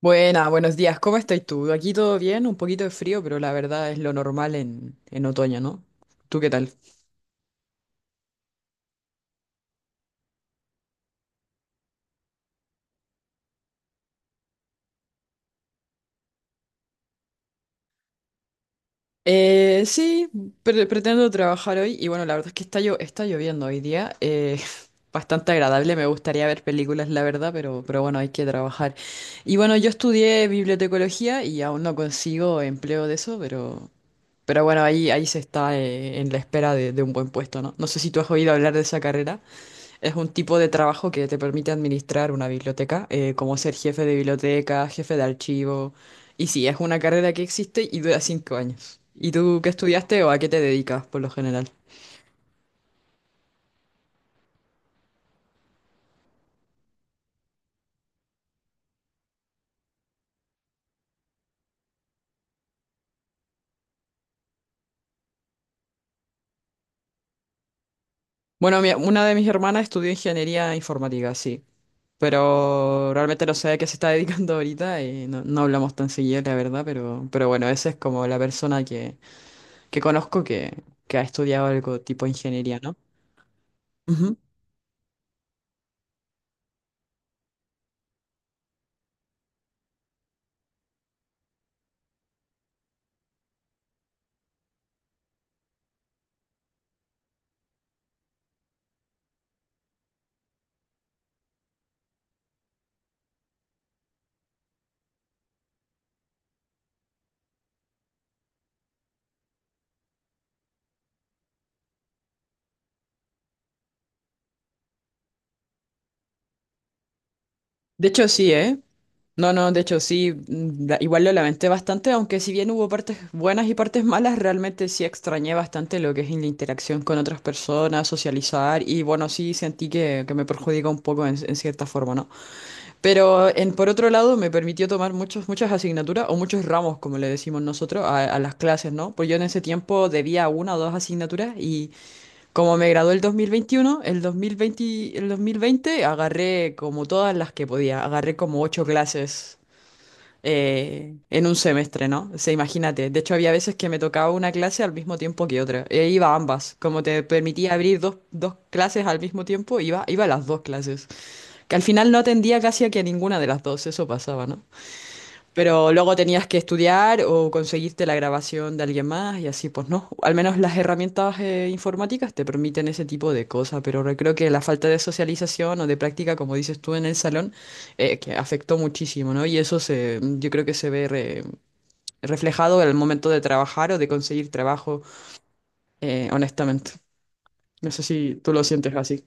Buenas, buenos días. ¿Cómo estás tú? Aquí todo bien, un poquito de frío, pero la verdad es lo normal en otoño, ¿no? ¿Tú qué tal? Eh, sí, pretendo trabajar hoy y bueno, la verdad es que está lloviendo hoy día. Bastante agradable, me gustaría ver películas, la verdad, pero bueno, hay que trabajar. Y bueno, yo estudié bibliotecología y aún no consigo empleo de eso, pero bueno, ahí se está en la espera de un buen puesto, ¿no? No sé si tú has oído hablar de esa carrera. Es un tipo de trabajo que te permite administrar una biblioteca, como ser jefe de biblioteca, jefe de archivo. Y sí, es una carrera que existe y dura 5 años. ¿Y tú qué estudiaste o a qué te dedicas por lo general? Bueno, una de mis hermanas estudió ingeniería informática, sí. Pero realmente no sé a qué se está dedicando ahorita y no hablamos tan seguido, la verdad. Pero bueno, esa es como la persona que conozco que ha estudiado algo tipo ingeniería, ¿no? Ujú. De hecho, sí, ¿eh? No, no, De hecho sí, igual lo lamenté bastante, aunque si bien hubo partes buenas y partes malas, realmente sí extrañé bastante lo que es la interacción con otras personas, socializar y bueno, sí sentí que me perjudica un poco en cierta forma, ¿no? Pero por otro lado me permitió tomar muchas asignaturas o muchos ramos, como le decimos nosotros, a las clases, ¿no? Pues yo en ese tiempo debía una o dos asignaturas y como me gradué el 2021, el 2020 agarré como todas las que podía, agarré como 8 clases en un semestre, ¿no? O sea, imagínate. De hecho, había veces que me tocaba una clase al mismo tiempo que otra. E iba a ambas. Como te permitía abrir dos clases al mismo tiempo, iba a las dos clases. Que al final no atendía casi a que ninguna de las dos. Eso pasaba, ¿no? Pero luego tenías que estudiar o conseguirte la grabación de alguien más y así, pues no. Al menos las herramientas informáticas te permiten ese tipo de cosas, pero creo que la falta de socialización o de práctica, como dices tú en el salón, que afectó muchísimo, ¿no? Y yo creo que se ve reflejado en el momento de trabajar o de conseguir trabajo, honestamente. No sé si tú lo sientes así.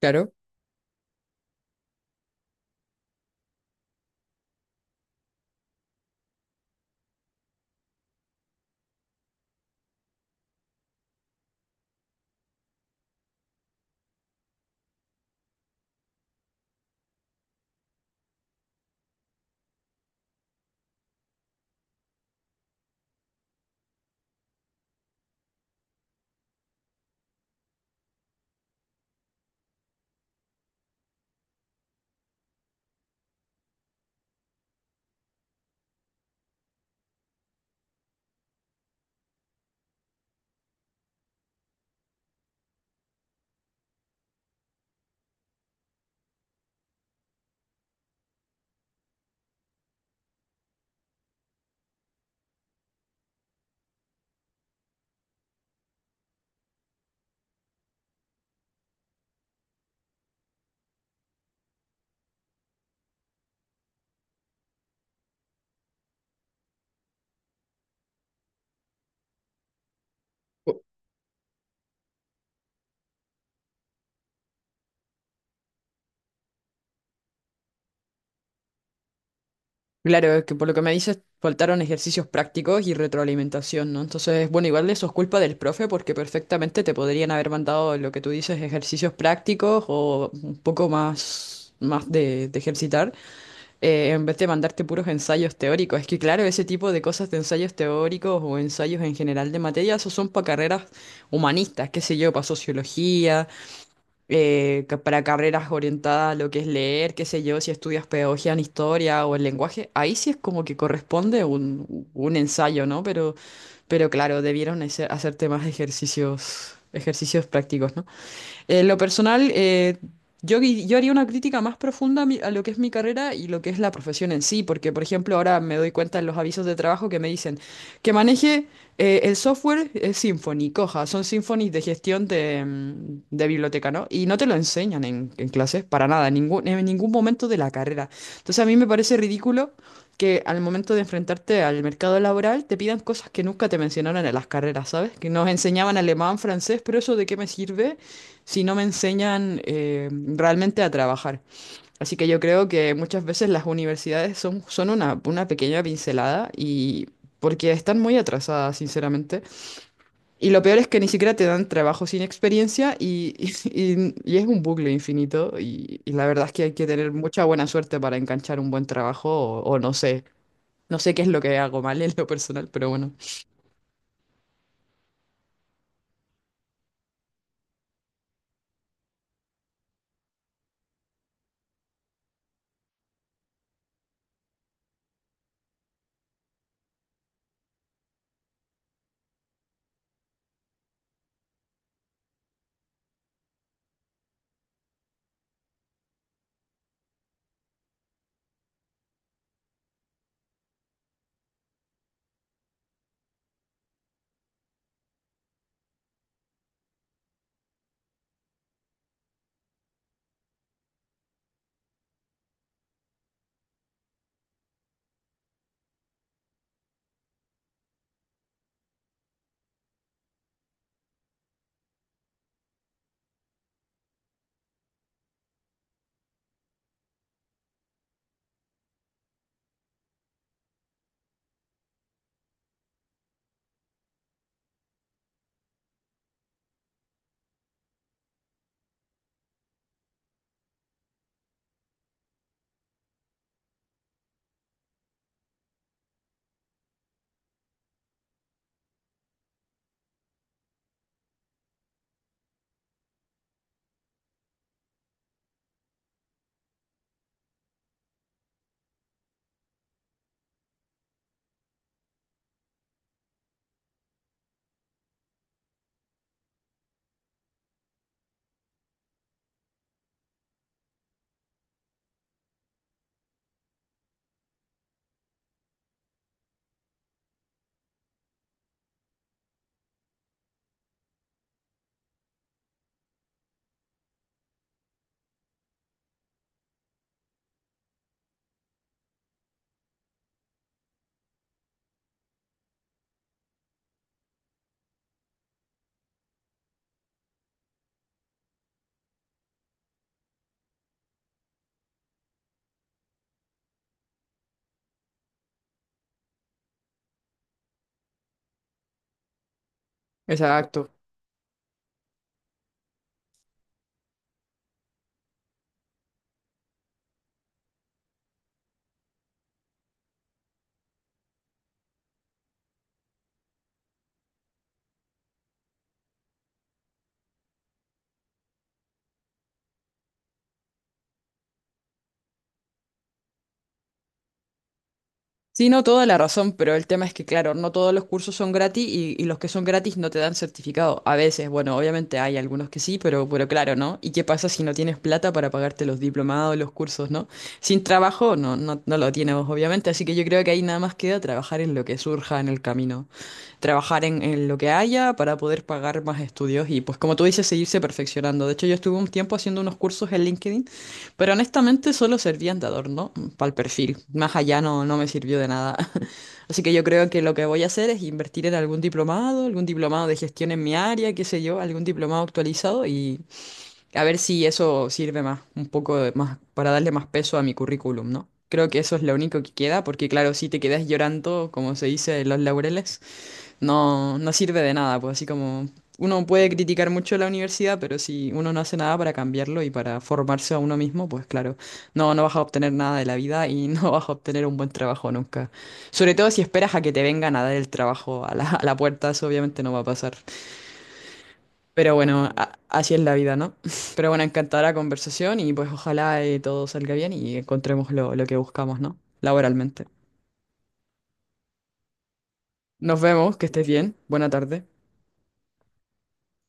Claro. Claro, es que por lo que me dices, faltaron ejercicios prácticos y retroalimentación, ¿no? Entonces, bueno, igual eso es culpa del profe porque perfectamente te podrían haber mandado lo que tú dices, ejercicios prácticos o un poco más, más de ejercitar, en vez de mandarte puros ensayos teóricos. Es que, claro, ese tipo de cosas de ensayos teóricos o ensayos en general de materia, esos son para carreras humanistas, qué sé yo, para sociología para carreras orientadas a lo que es leer, qué sé yo, si estudias pedagogía en historia o el lenguaje, ahí sí es como que corresponde un ensayo, ¿no? Pero claro, debieron hacer temas de ejercicios, ejercicios prácticos, ¿no? En lo personal, yo haría una crítica más profunda a, a lo que es mi carrera y lo que es la profesión en sí, porque por ejemplo ahora me doy cuenta en los avisos de trabajo que me dicen que maneje el software es Symfony, coja, son Symfony de gestión de biblioteca, ¿no? Y no te lo enseñan en clases para nada, en ningún momento de la carrera. Entonces a mí me parece ridículo que al momento de enfrentarte al mercado laboral te pidan cosas que nunca te mencionaron en las carreras, ¿sabes? Que nos enseñaban alemán, francés, pero eso ¿de qué me sirve? Si no me enseñan realmente a trabajar. Así que yo creo que muchas veces las universidades son una pequeña pincelada y porque están muy atrasadas, sinceramente. Y lo peor es que ni siquiera te dan trabajo sin experiencia y es un bucle infinito y la verdad es que hay que tener mucha buena suerte para enganchar un buen trabajo o no sé, no sé qué es lo que hago mal en lo personal, pero bueno, exacto. Sí, no, toda la razón, pero el tema es que, claro, no todos los cursos son gratis y los que son gratis no te dan certificado. A veces, bueno, obviamente hay algunos que sí, pero claro, ¿no? ¿Y qué pasa si no tienes plata para pagarte los diplomados, los cursos, ¿no? Sin trabajo, no lo tienes, obviamente, así que yo creo que ahí nada más queda trabajar en lo que surja en el camino, trabajar en lo que haya para poder pagar más estudios y, pues, como tú dices, seguirse perfeccionando. De hecho, yo estuve un tiempo haciendo unos cursos en LinkedIn. Pero honestamente solo servían de adorno para el perfil. Más allá no me sirvió de nada. Así que yo creo que lo que voy a hacer es invertir en algún diplomado de gestión en mi área, qué sé yo, algún diplomado actualizado y a ver si eso sirve más, un poco más para darle más peso a mi currículum, ¿no? Creo que eso es lo único que queda, porque claro, si te quedas llorando, como se dice, en los laureles, no sirve de nada, pues así como uno puede criticar mucho la universidad, pero si uno no hace nada para cambiarlo y para formarse a uno mismo, pues claro, no vas a obtener nada de la vida y no vas a obtener un buen trabajo nunca. Sobre todo si esperas a que te vengan a dar el trabajo a a la puerta, eso obviamente no va a pasar. Pero bueno, así es la vida, ¿no? Pero bueno, encantadora conversación y pues ojalá todo salga bien y encontremos lo que buscamos, ¿no? Laboralmente. Nos vemos, que estés bien. Buena tarde.